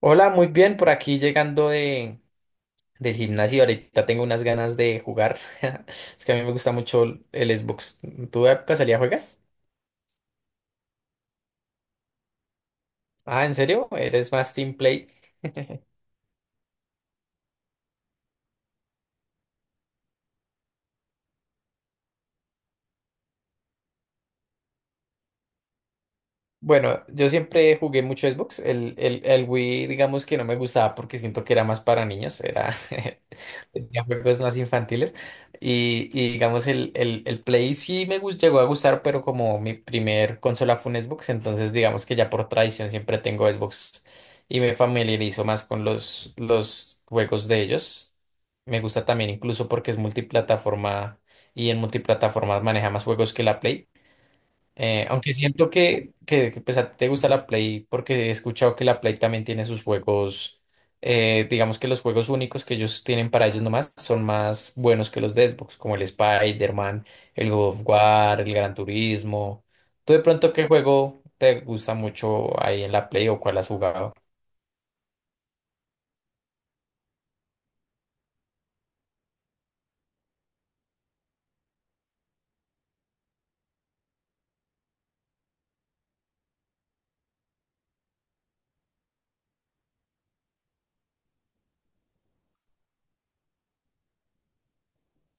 Hola, muy bien, por aquí llegando del gimnasio. Ahorita tengo unas ganas de jugar. Es que a mí me gusta mucho el Xbox. ¿Tú de casualidad juegas? Ah, ¿en serio? ¿Eres más team play? Bueno, yo siempre jugué mucho Xbox. El Wii, digamos que no me gustaba porque siento que era más para niños, era tenía juegos más infantiles. Y digamos, el Play llegó a gustar, pero como mi primer consola fue un Xbox, entonces digamos que ya por tradición siempre tengo Xbox y me familiarizo más con los juegos de ellos. Me gusta también incluso porque es multiplataforma y en multiplataformas maneja más juegos que la Play. Aunque siento pues, a ti te gusta la Play porque he escuchado que la Play también tiene sus juegos, digamos que los juegos únicos que ellos tienen para ellos nomás son más buenos que los de Xbox, como el Spider-Man, el God of War, el Gran Turismo. ¿Tú de pronto qué juego te gusta mucho ahí en la Play o cuál has jugado?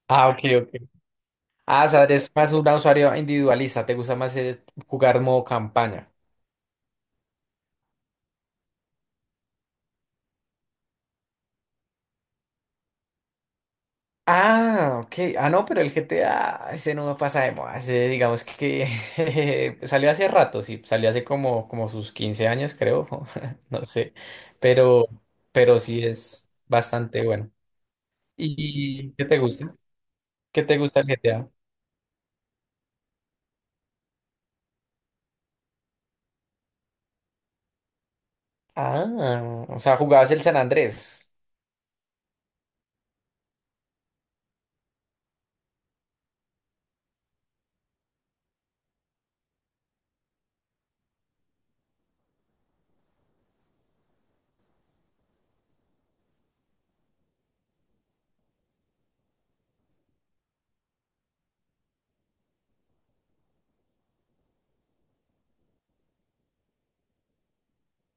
Ah, ok, ok. Ah, o sea, eres más un usuario individualista, te gusta más jugar modo campaña. Ah, ok. Ah, no, pero el GTA, ese no pasa de moda. Ese, digamos que jeje, salió hace rato, sí. Salió hace como, como sus 15 años, creo. No sé. Pero, pero sí es bastante bueno. ¿Y qué te gusta? ¿Qué te gusta el GTA? Ah, o sea, jugabas el San Andrés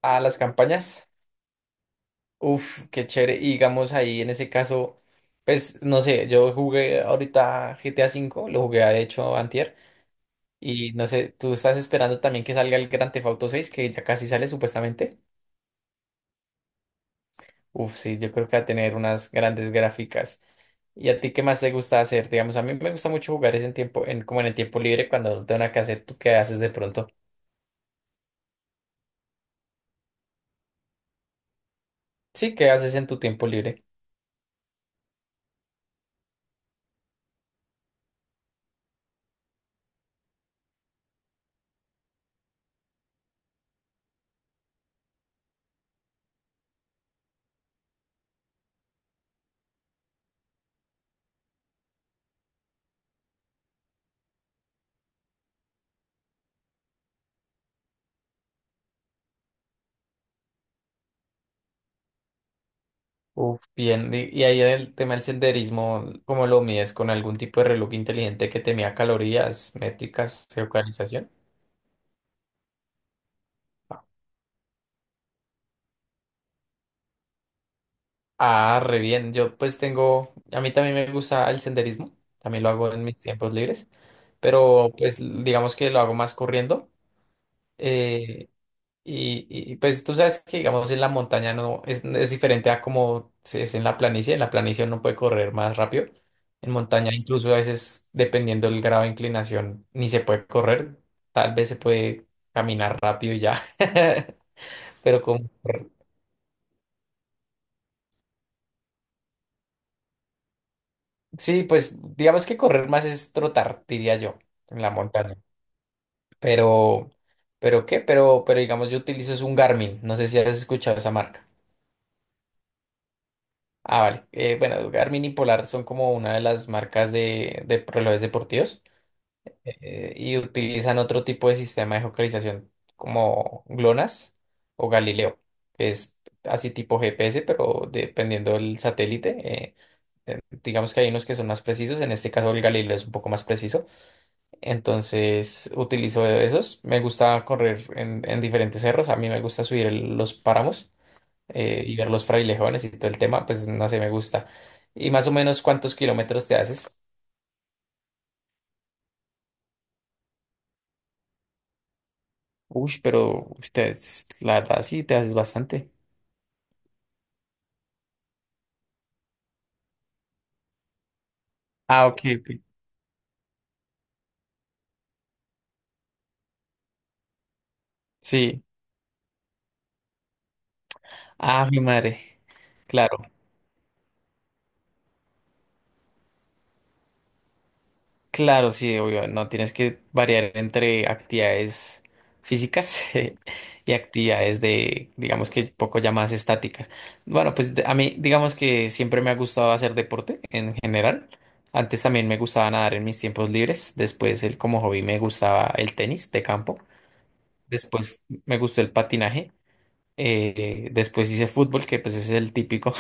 a las campañas. Uf, qué chévere. Y digamos ahí en ese caso, pues no sé, yo jugué ahorita GTA 5, lo jugué de hecho antier. Y no sé, tú estás esperando también que salga el Grand Theft Auto 6, que ya casi sale supuestamente. Uf, sí, yo creo que va a tener unas grandes gráficas. ¿Y a ti qué más te gusta hacer? Digamos, a mí me gusta mucho jugar es en tiempo, en, como en el tiempo libre, cuando no tengo nada que hacer, ¿tú qué haces de pronto? Sí, ¿qué haces en tu tiempo libre? Uf, bien. Y ahí el tema del senderismo, ¿cómo lo mides? ¿Con algún tipo de reloj inteligente que te mida calorías, métricas, geocalización? Ah, re bien. Yo pues tengo, a mí también me gusta el senderismo, también lo hago en mis tiempos libres, pero pues digamos que lo hago más corriendo. eh, pues tú sabes que digamos en la montaña no es, es diferente a como es en la planicie uno puede correr más rápido. En montaña incluso a veces dependiendo del grado de inclinación ni se puede correr, tal vez se puede caminar rápido y ya, pero como... Sí, pues digamos que correr más es trotar, diría yo, en la montaña. Pero, ¿Pero qué? Pero digamos, yo utilizo es un Garmin. No sé si has escuchado esa marca. Ah, vale. Bueno, Garmin y Polar son como una de las marcas de relojes deportivos y utilizan otro tipo de sistema de geocalización como GLONASS o Galileo, que es así tipo GPS, pero dependiendo del satélite. eh, digamos que hay unos que son más precisos, en este caso el Galileo es un poco más preciso. Entonces utilizo esos. Me gusta correr en diferentes cerros. A mí me gusta subir los páramos y ver los frailejones y todo el tema. Pues no sé, me gusta. ¿Y más o menos cuántos kilómetros te haces? Uy, pero ush, la verdad sí te haces bastante. Ah, ok, ok. Sí. Ah, mi madre. Claro. Claro, sí, obvio, no tienes que variar entre actividades físicas y actividades de, digamos que poco ya más estáticas. Bueno, a mí, digamos que siempre me ha gustado hacer deporte en general. Antes también me gustaba nadar en mis tiempos libres. Después, el, como hobby, me gustaba el tenis de campo. Después me gustó el patinaje. Después hice fútbol, que pues es el típico.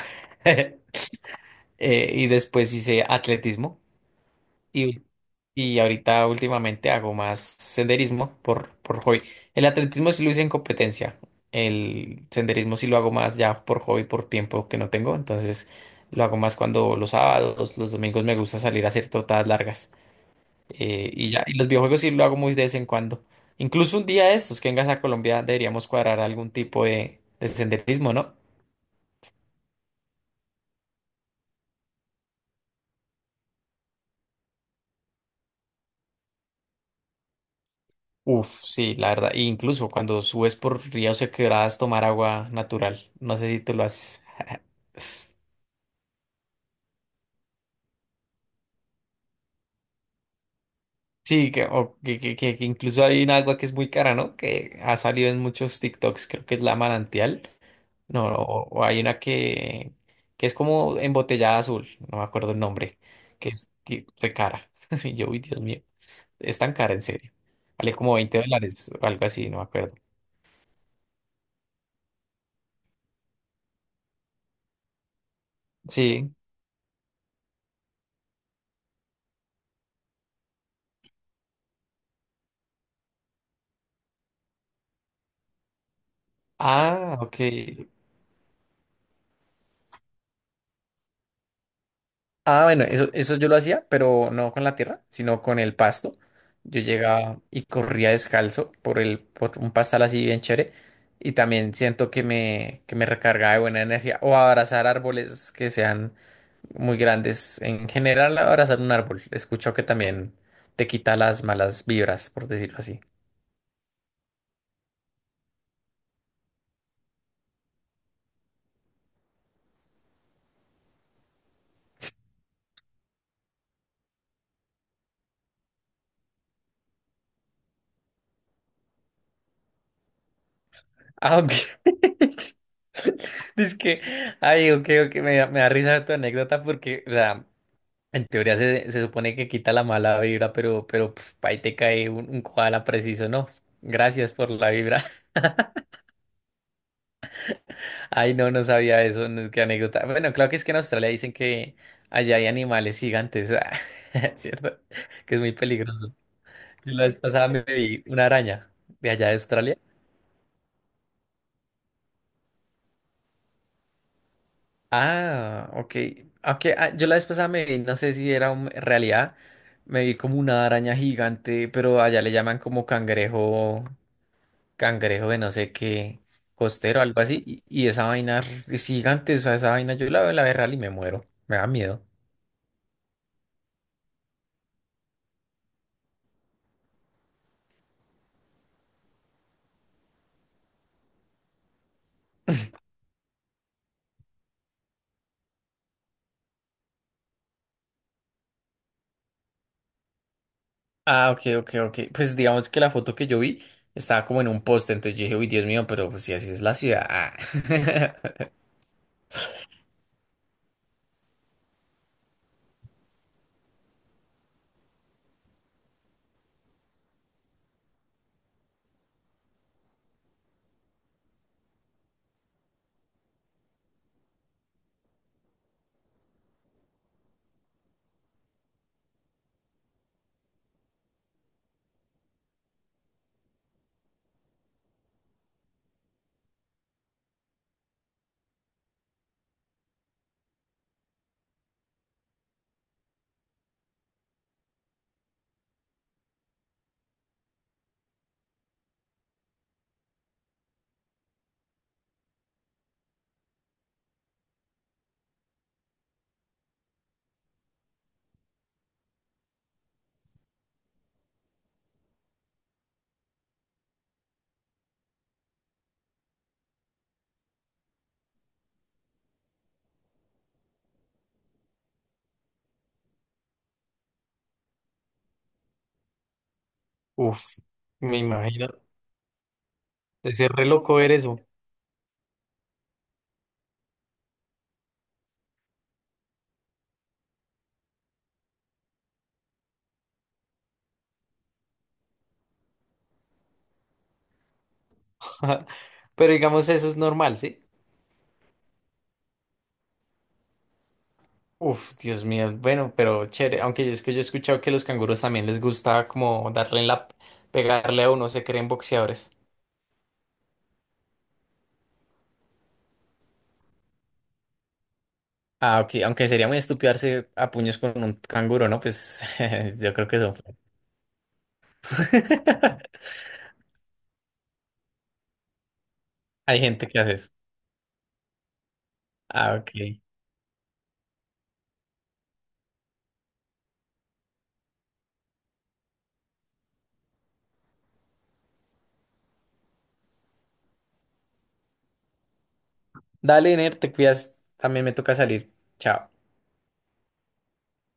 Y después hice atletismo. Y, y ahorita últimamente hago más senderismo por hobby. El atletismo sí lo hice en competencia. El senderismo sí lo hago más ya por hobby, por tiempo que no tengo. Entonces lo hago más cuando los sábados, los domingos me gusta salir a hacer trotadas largas. Y ya, y los videojuegos sí lo hago muy de vez en cuando. Incluso un día de estos que vengas a Colombia deberíamos cuadrar algún tipo de senderismo, ¿no? Uf, sí, la verdad. E incluso cuando subes por ríos o quebradas, tomar agua natural. No sé si tú lo haces. Sí, que, o que incluso hay un agua que es muy cara, ¿no? Que ha salido en muchos TikToks, creo que es la manantial. No, o hay una que es como embotellada azul, no me acuerdo el nombre, que, re cara. Y yo, uy, Dios mío, es tan cara, en serio. Vale como 20 dólares o algo así, no me acuerdo. Sí. Ah, ok. Ah, bueno, eso yo lo hacía, pero no con la tierra, sino con el pasto. Yo llegaba y corría descalzo por un pastal así bien chévere. Y también siento que me recargaba de buena energía. O abrazar árboles que sean muy grandes. En general, abrazar un árbol. He escuchado que también te quita las malas vibras, por decirlo así. Ah, ok. Dice que, ay, ok, ok, me da risa tu anécdota porque, o sea, en teoría se supone que quita la mala vibra, pero pf, ahí te cae un koala preciso, ¿no? Gracias por la vibra. Ay, no, no sabía eso, no, qué anécdota. Bueno, claro que es que en Australia dicen que allá hay animales gigantes, ah, ¿cierto? Que es muy peligroso. Yo la vez pasada me vi una araña de allá de Australia. Ah, ok. Ok, ah, yo la vez pasada me vi, no sé si era realidad, me vi como una araña gigante, pero allá le llaman como cangrejo de no sé qué, costero, algo así, y esa vaina es gigante, o sea, esa vaina yo la veo real y me muero, me da miedo. Ah, ok, ok, ok, pues digamos que la foto que yo vi estaba como en un poste, entonces yo dije, uy, Dios mío, pero pues si así es la ciudad. Ah". Uf, me imagino. De ser re loco ver eso. Pero digamos, eso es normal, ¿sí? Uf, Dios mío. Bueno, pero chévere. Aunque es que yo he escuchado que los canguros también les gusta como darle en la... pegarle a uno, se creen boxeadores. Ah, ok, aunque sería muy estúpido darse a puños con un canguro, ¿no? Pues yo creo que son flojos. Hay gente que hace eso. Ah, ok. Dale, Ner, te cuidas. También me toca salir. Chao.